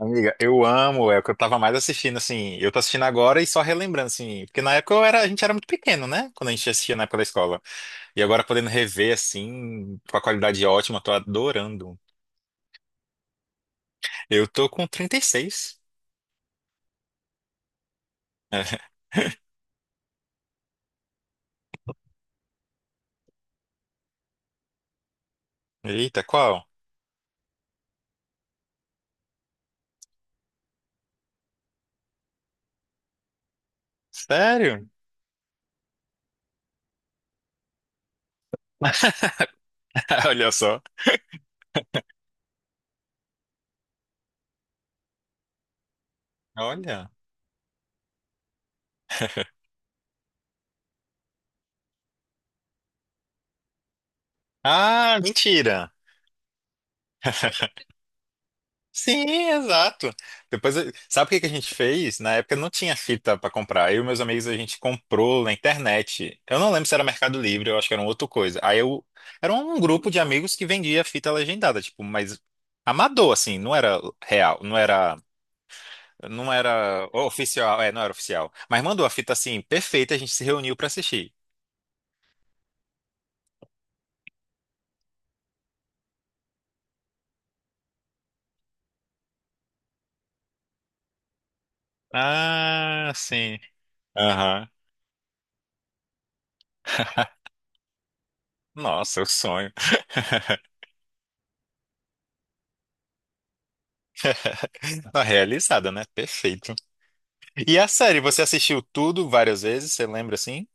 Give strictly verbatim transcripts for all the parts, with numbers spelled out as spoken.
Amiga, eu amo, é o que eu tava mais assistindo, assim, eu tô assistindo agora e só relembrando, assim, porque na época eu era, a gente era muito pequeno, né? Quando a gente assistia na época da escola. E agora podendo rever, assim, com a qualidade ótima, tô adorando. Eu tô com trinta e seis. Eita, qual? Sério? Olha só. Olha. Ah, mentira. Sim, exato. Depois, eu- sabe o que que a gente fez? Na época não tinha fita pra comprar. Eu e meus amigos a gente comprou na internet. Eu não lembro se era Mercado Livre, eu acho que era uma outra coisa. Aí eu era um grupo de amigos que vendia fita legendada, tipo, mas amador assim, não era real, não era não era oficial, é, não era oficial. Mas mandou a fita assim perfeita, a gente se reuniu pra assistir. Ah, sim. Aham. Nossa, é o sonho. Tá realizada, né? Perfeito. E a série, você assistiu tudo várias vezes, você lembra assim?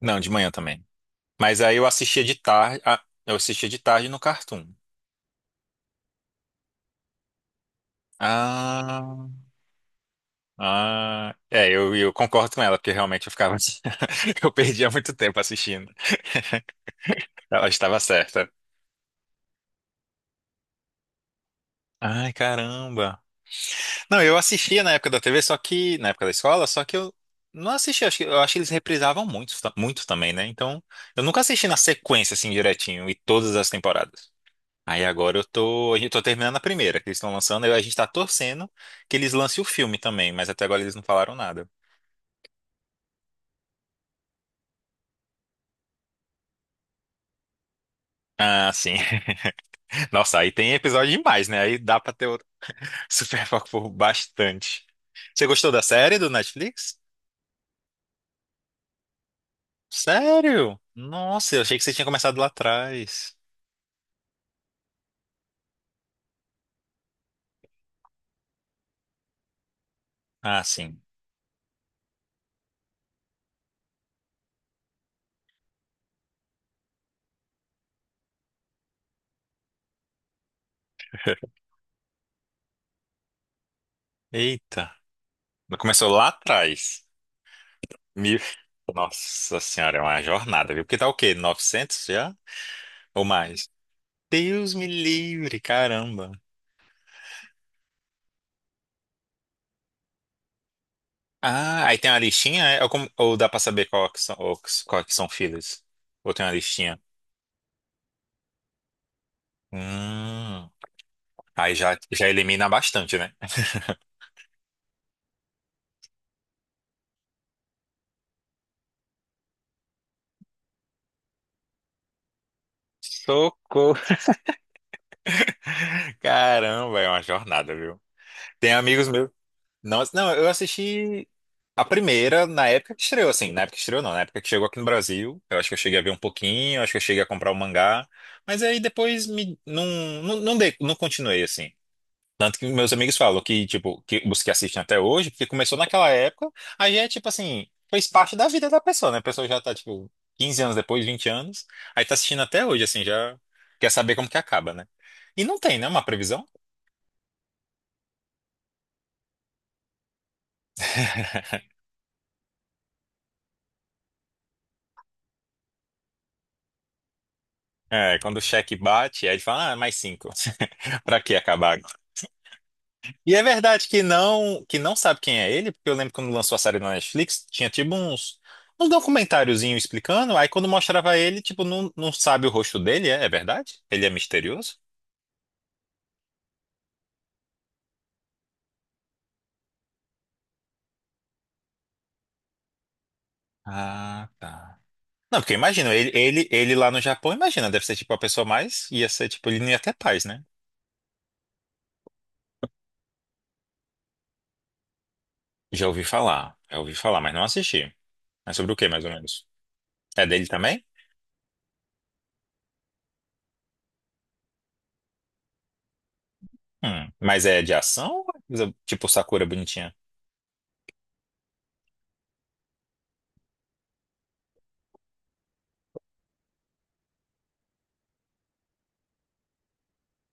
Não, de manhã também. Mas aí eu assistia de tarde, ah, eu assistia de tarde no Cartoon. Ah, ah, é, eu, eu concordo com ela, porque realmente eu ficava, eu perdia muito tempo assistindo. Ela estava certa. Ai, caramba. Não, eu assistia na época da T V, só que, na época da escola, só que eu não assistia, acho que, eu acho que eles reprisavam muito, ta- muito também, né? Então, eu nunca assisti na sequência, assim, direitinho, e todas as temporadas. Aí agora eu tô, eu tô terminando a primeira que eles estão lançando, aí a gente tá torcendo que eles lancem o filme também, mas até agora eles não falaram nada. Ah, sim. Nossa, aí tem episódio demais, né? Aí dá pra ter outro super foco por bastante. Você gostou da série do Netflix? Sério? Nossa, eu achei que você tinha começado lá atrás. Ah, sim. Eita. Começou lá atrás. Me- Nossa senhora, é uma jornada, viu? Porque tá o quê? Novecentos já? Ou mais? Deus me livre, caramba. Ah, aí tem uma listinha? É? Ou, como- ou dá pra saber qual que são, ou que- qual que são filhos? Ou tem uma listinha? Hum, aí já, já elimina bastante, né? Socorro! Caramba, é uma jornada, viu? Tem amigos meus. Não, não, eu assisti a primeira na época que estreou, assim. Na época que estreou, não. Na época que chegou aqui no Brasil. Eu acho que eu cheguei a ver um pouquinho, acho que eu cheguei a comprar o mangá. Mas aí depois me, não, não, não, dei- não continuei, assim. Tanto que meus amigos falam que, tipo, que os que assistem até hoje, porque começou naquela época, aí já é, tipo assim, fez parte da vida da pessoa, né? A pessoa já tá, tipo, quinze anos depois, vinte anos, aí tá assistindo até hoje, assim, já quer saber como que acaba, né? E não tem, né, uma previsão? É, quando o cheque bate, aí ele fala, ah, é mais cinco. Pra que acabar. E é verdade que não, que não sabe quem é ele, porque eu lembro quando lançou a série na Netflix, tinha tipo uns, uns documentáriozinho explicando, aí quando mostrava ele, tipo, não, não sabe o rosto dele, é, é verdade? Ele é misterioso? Ah, tá. Não, porque imagina, ele, ele, ele lá no Japão, imagina, deve ser tipo a pessoa mais, ia ser tipo, ele nem ia ter paz, né? Já ouvi falar, já ouvi falar, mas não assisti. Mas sobre o que, mais ou menos? É dele também? Hum, mas é de ação? Ou é coisa tipo Sakura bonitinha?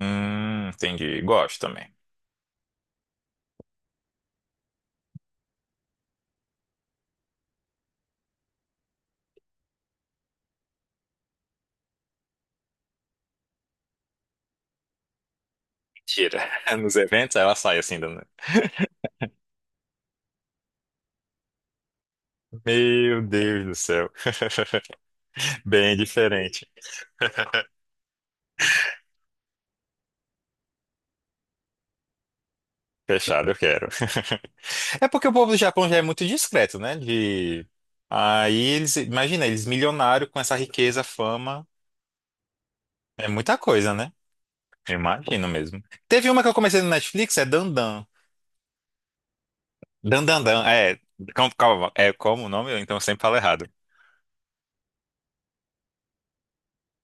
Hum, entendi, gosto também. Tira. Nos eventos, aí ela sai assim. Do... Meu Deus do céu. Bem diferente. Fechado, eu quero. É porque o povo do Japão já é muito discreto, né? De... Aí eles, imagina, eles milionários com essa riqueza, fama. É muita coisa, né? Eu imagino mesmo. Teve uma que eu comecei no Netflix, é Dandan. Dandandan, é. Como, calma, é como o nome? Então eu sempre falo errado.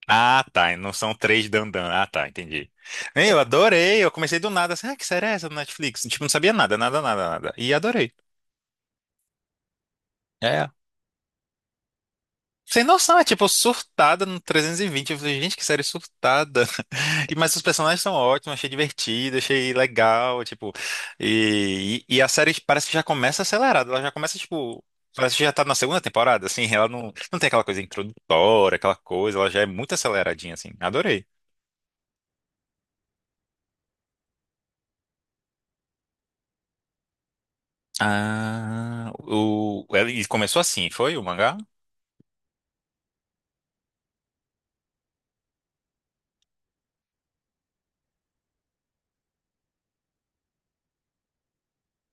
Ah, tá. E não são três dandan. Ah, tá. Entendi. Ei, eu adorei. Eu comecei do nada. Assim, ah, que série é essa do Netflix? Tipo, não sabia nada, nada, nada, nada. E adorei. É. Sem noção, é tipo surtada no trezentos e vinte. Eu falei, gente, que série surtada. E, mas os personagens são ótimos, achei divertido, achei legal, tipo. E, e, e a série parece que já começa acelerada. Ela já começa, tipo. Parece que já tá na segunda temporada, assim. Ela não, não tem aquela coisa introdutória, aquela coisa. Ela já é muito aceleradinha, assim. Adorei. Ah, o, ele começou assim, foi o mangá?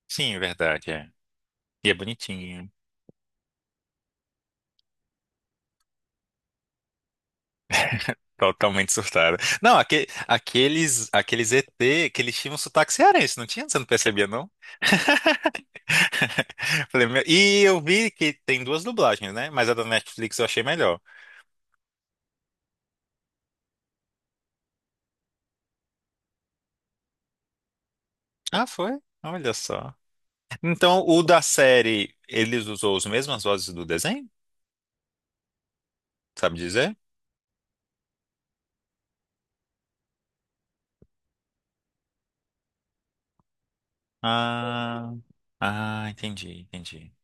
Sim, é verdade, é. E é bonitinho. Totalmente surtada. Não, aque- aqueles, aqueles E T que eles tinham um sotaque cearense, não tinha? Você não percebia, não? Falei, meu- e eu vi que tem duas dublagens, né? Mas a da Netflix eu achei melhor. Ah, foi? Olha só. Então, o da série, eles usou as mesmas vozes do desenho? Sabe dizer? Ah, ah, entendi, entendi.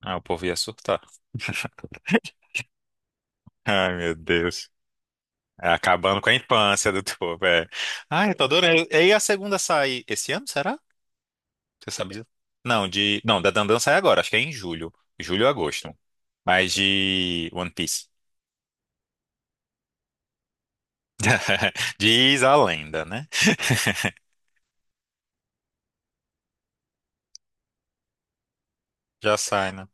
Ah, o povo ia surtar. Ai, meu Deus. É, acabando com a infância do povo, é. Ah, eu tô adorando. E aí a segunda sai esse ano, será? Você sabe? Não, de... não, da Dandan sai agora, acho que é em julho. Julho ou agosto. Mas de One Piece. Diz a lenda, né? Já sai, né?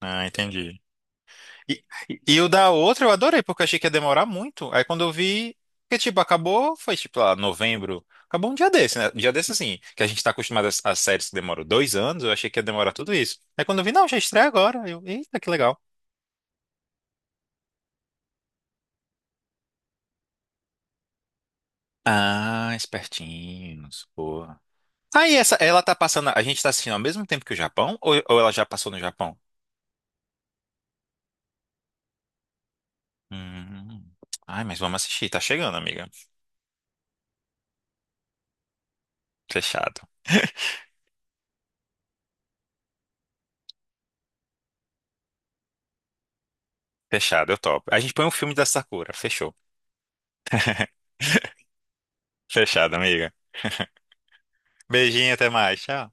Ah, entendi. E, e- e o da outra eu adorei, porque eu achei que ia demorar muito. Aí quando eu vi, que tipo, acabou, foi tipo lá, novembro. Acabou um dia desse, né? Um dia desse assim, que a gente tá acostumado às às séries que demoram dois anos, eu achei que ia demorar tudo isso. Aí quando eu vi, não, já estreia agora. Eu, eita, que legal. Ah, espertinhos, pô. Ah, e essa, ela tá passando, a gente tá assistindo ao mesmo tempo que o Japão, ou, ou ela já passou no Japão? Hum. Ai, mas vamos assistir, tá chegando, amiga. Fechado. Fechado, eu topo. A gente põe um filme da Sakura, fechou. Fechado, amiga. Beijinho, até mais. Tchau.